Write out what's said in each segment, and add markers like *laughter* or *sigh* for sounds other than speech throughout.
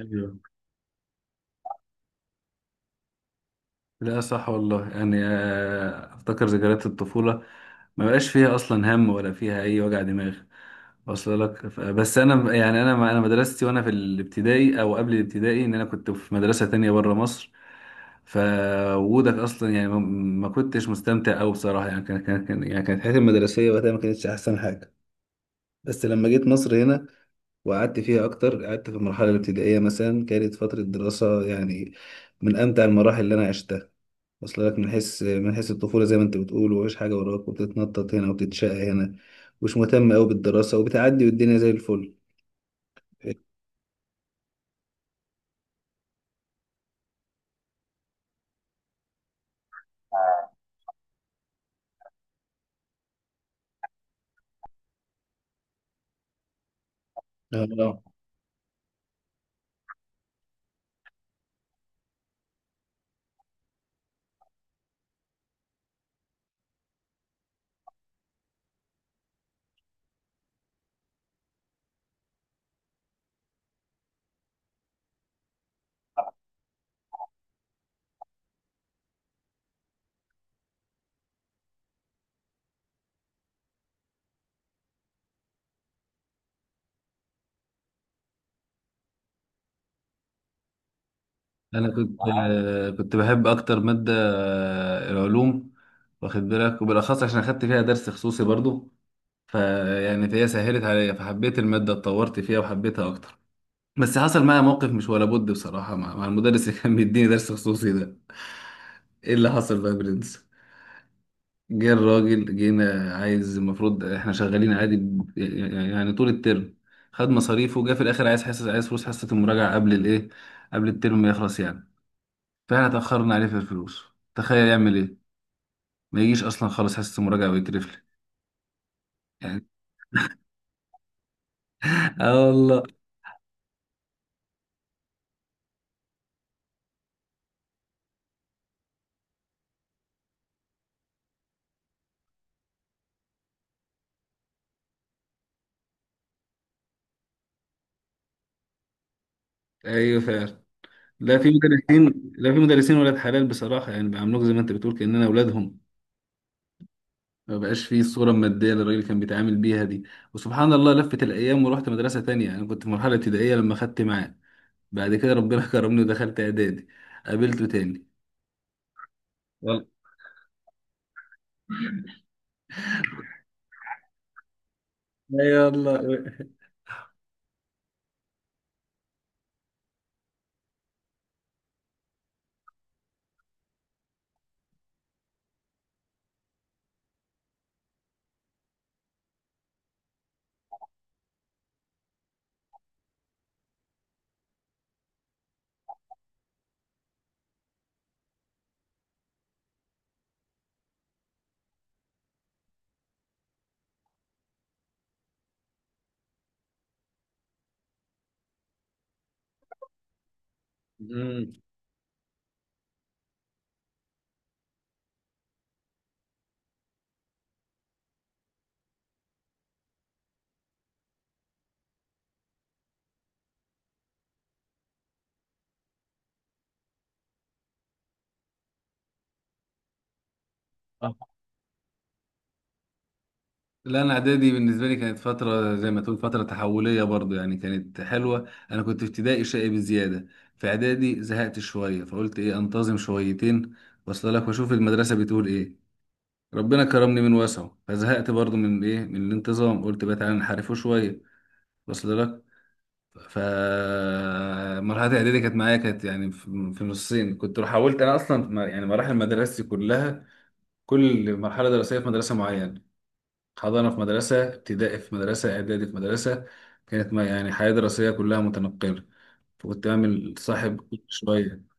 ايوه. لا، صح والله، يعني افتكر ذكريات الطفوله. ما بقاش فيها اصلا هم ولا فيها اي وجع دماغ، واصل لك. بس انا، يعني انا مدرستي وانا في الابتدائي او قبل الابتدائي، انا كنت في مدرسه تانية بره مصر. فوجودك اصلا، يعني ما كنتش مستمتع قوي بصراحه. يعني كانت حياتي المدرسيه وقتها ما كانتش احسن حاجه. بس لما جيت مصر هنا، وقعدت فيها أكتر، قعدت في المرحلة الابتدائية. مثلا كانت فترة دراسة، يعني من أمتع المراحل اللي أنا عشتها، وصل لك؟ من حيث الطفولة، زي ما أنت بتقول ومفيش حاجة وراك، وبتتنطط هنا وبتتشقى هنا، مش مهتم أوي بالدراسة، وبتعدي والدنيا زي الفل. اه انا كنت، كنت بحب اكتر ماده، العلوم، واخد بالك؟ وبالاخص عشان اخدت فيها درس خصوصي برضو، فيعني فهي سهلت عليا، فحبيت الماده، اتطورت فيها وحبيتها اكتر. بس حصل معايا موقف مش ولا بد بصراحة مع المدرس اللي كان بيديني درس خصوصي ده. ايه اللي حصل بقى يا برنس؟ جه الراجل، جينا عايز، المفروض احنا شغالين عادي يعني طول الترم، خد مصاريفه، وجا في الاخر عايز حصة، عايز فلوس حصة المراجعة قبل الايه، قبل الترم ما يخلص يعني. فاحنا اتأخرنا عليه في الفلوس، تخيل يعمل ايه؟ ما يجيش اصلا خالص حصة المراجعة، ويكرف لي يعني. *laughs* اه والله. ايوه فعلا. لا في مدرسين لا في مدرسين ولاد حلال بصراحة، يعني بيعاملوك زي ما انت بتقول، كأننا اولادهم. ما بقاش فيه الصورة المادية اللي الراجل كان بيتعامل بيها دي. وسبحان الله، لفت الأيام ورحت مدرسة تانية. أنا كنت في مرحلة ابتدائية لما خدت معاه، بعد كده ربنا *laughs* كرمني ودخلت إعدادي، قابلته تاني. يلا يلا. مم. آه. لا، انا اعدادي بالنسبه لي كانت فتره، زي ما تقول فتره تحوليه برضو. يعني كانت حلوه، انا كنت في ابتدائي شقي بزياده. في اعدادي زهقت شويه، فقلت ايه، انتظم شويتين، واصل لك؟ واشوف المدرسه بتقول ايه. ربنا كرمني من وسعه، فزهقت برضو من الانتظام، قلت بقى تعالى نحرفه شويه، وصل لك؟ ف مرحله اعدادي كانت معايا، كانت يعني في نصين. كنت حاولت انا اصلا، يعني مراحل مدرستي كلها، كل مرحله دراسيه في مدرسه معينه، حضانه في مدرسه، ابتدائي في مدرسه، اعدادي في مدرسه. كانت، ما يعني، حياه دراسيه كلها متنقله، فكنت بعمل صاحب كل شويه.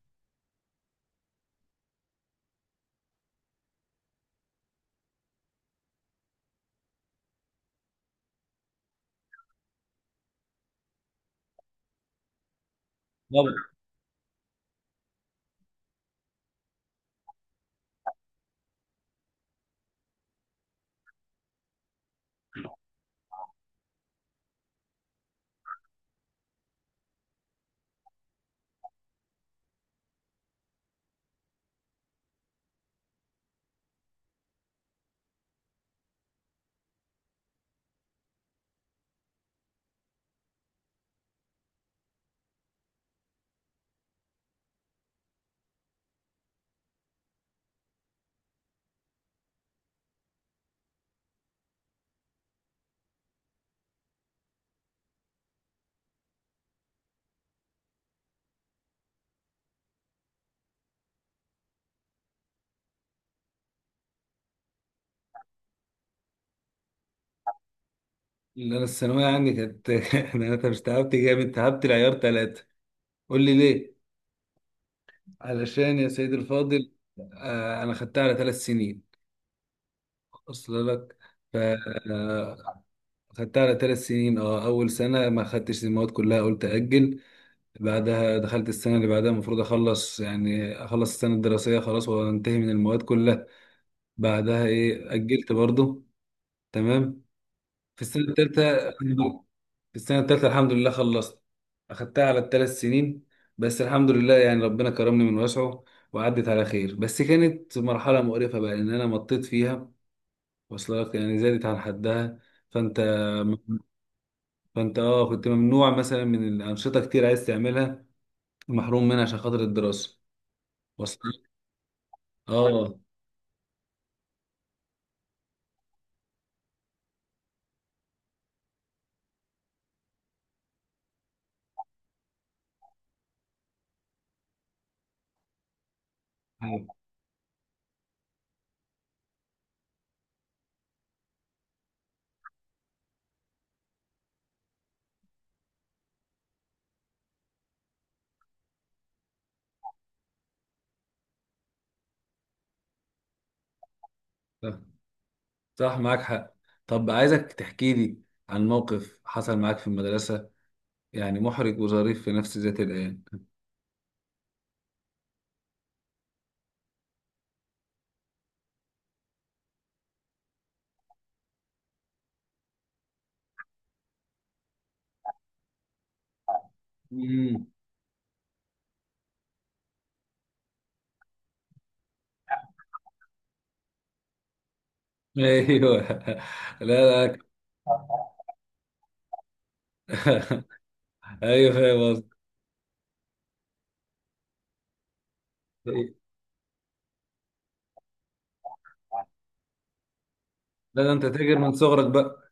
طبعا. اللي انا الثانويه عندي كانت *laughs* انا مش تعبت جامد، تعبت العيار ثلاثه. قول لي ليه؟ علشان يا سيدي الفاضل، انا خدتها على ثلاث سنين، اصل لك؟ ف آه، خدتها على ثلاث سنين. اه، اول سنه ما خدتش المواد كلها، قلت اجل. بعدها دخلت السنه اللي بعدها، المفروض اخلص يعني، اخلص السنه الدراسيه خلاص وانتهي من المواد كلها، بعدها اجلت برضو. تمام. في السنة التالتة، في السنة التالتة الحمد لله خلصت، أخدتها على الثلاث سنين. بس الحمد لله، يعني ربنا كرمني من وسعه، وعدت على خير. بس كانت مرحلة مقرفة بقى، لأن أنا مطيت فيها، واصلة لك؟ يعني زادت عن حدها. فأنت فأنت كنت ممنوع مثلا من الأنشطة كتير، عايز تعملها محروم منها عشان خاطر الدراسة، واصلة لك؟ أه، صح معاك حق. طب عايزك تحكي لي عن موقف حصل معاك في المدرسة، يعني محرج وظريف في نفس ذات الآن. مم. ايوه. *laughs* لا لا. *laughs* ايوه فاهم قصدي. لا، ده انت تاجر من صغرك بقى.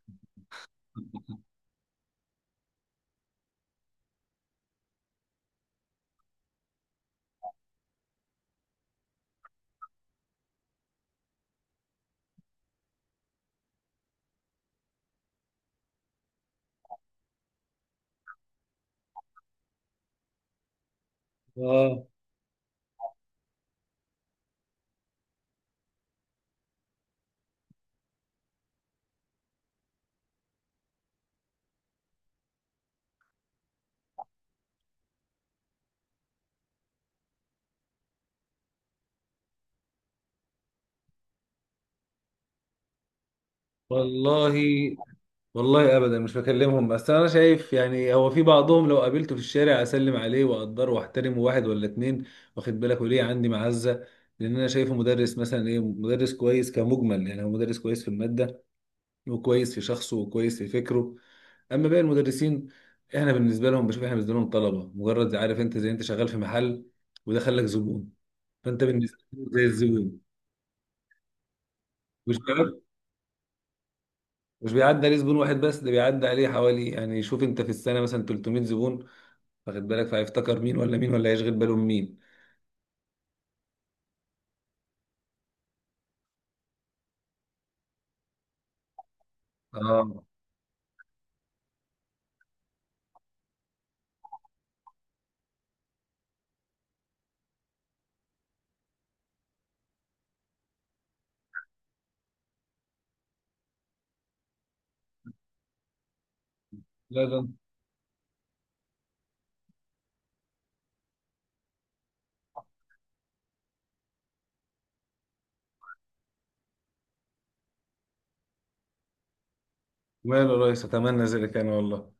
اه والله. والله ابدا مش بكلمهم. بس انا شايف يعني هو في بعضهم لو قابلته في الشارع اسلم عليه واقدره واحترمه، واحد ولا اتنين. واخد بالك؟ وليه عندي معزه؟ لان انا شايفه مدرس، مثلا مدرس كويس كمجمل. يعني هو مدرس كويس في الماده، وكويس في شخصه، وكويس في فكره. اما باقي المدرسين، احنا بالنسبه لهم، بشوف احنا بالنسبه لهم طلبه مجرد. عارف انت، زي انت شغال في محل وده خلك زبون، فانت بالنسبه لهم زي الزبون. مش بيعد- مش بيعدي عليه زبون واحد بس، ده بيعدي عليه حوالي يعني، شوف انت في السنه مثلا 300 زبون، واخد بالك؟ فهيفتكر مين ولا مين، ولا هيشغل باله من مين؟ اه لا لا. ماله يا ريس، اتمنى ذلك انا والله.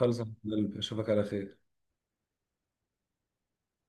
خلص يا حبيب قلبي، اشوفك على خير.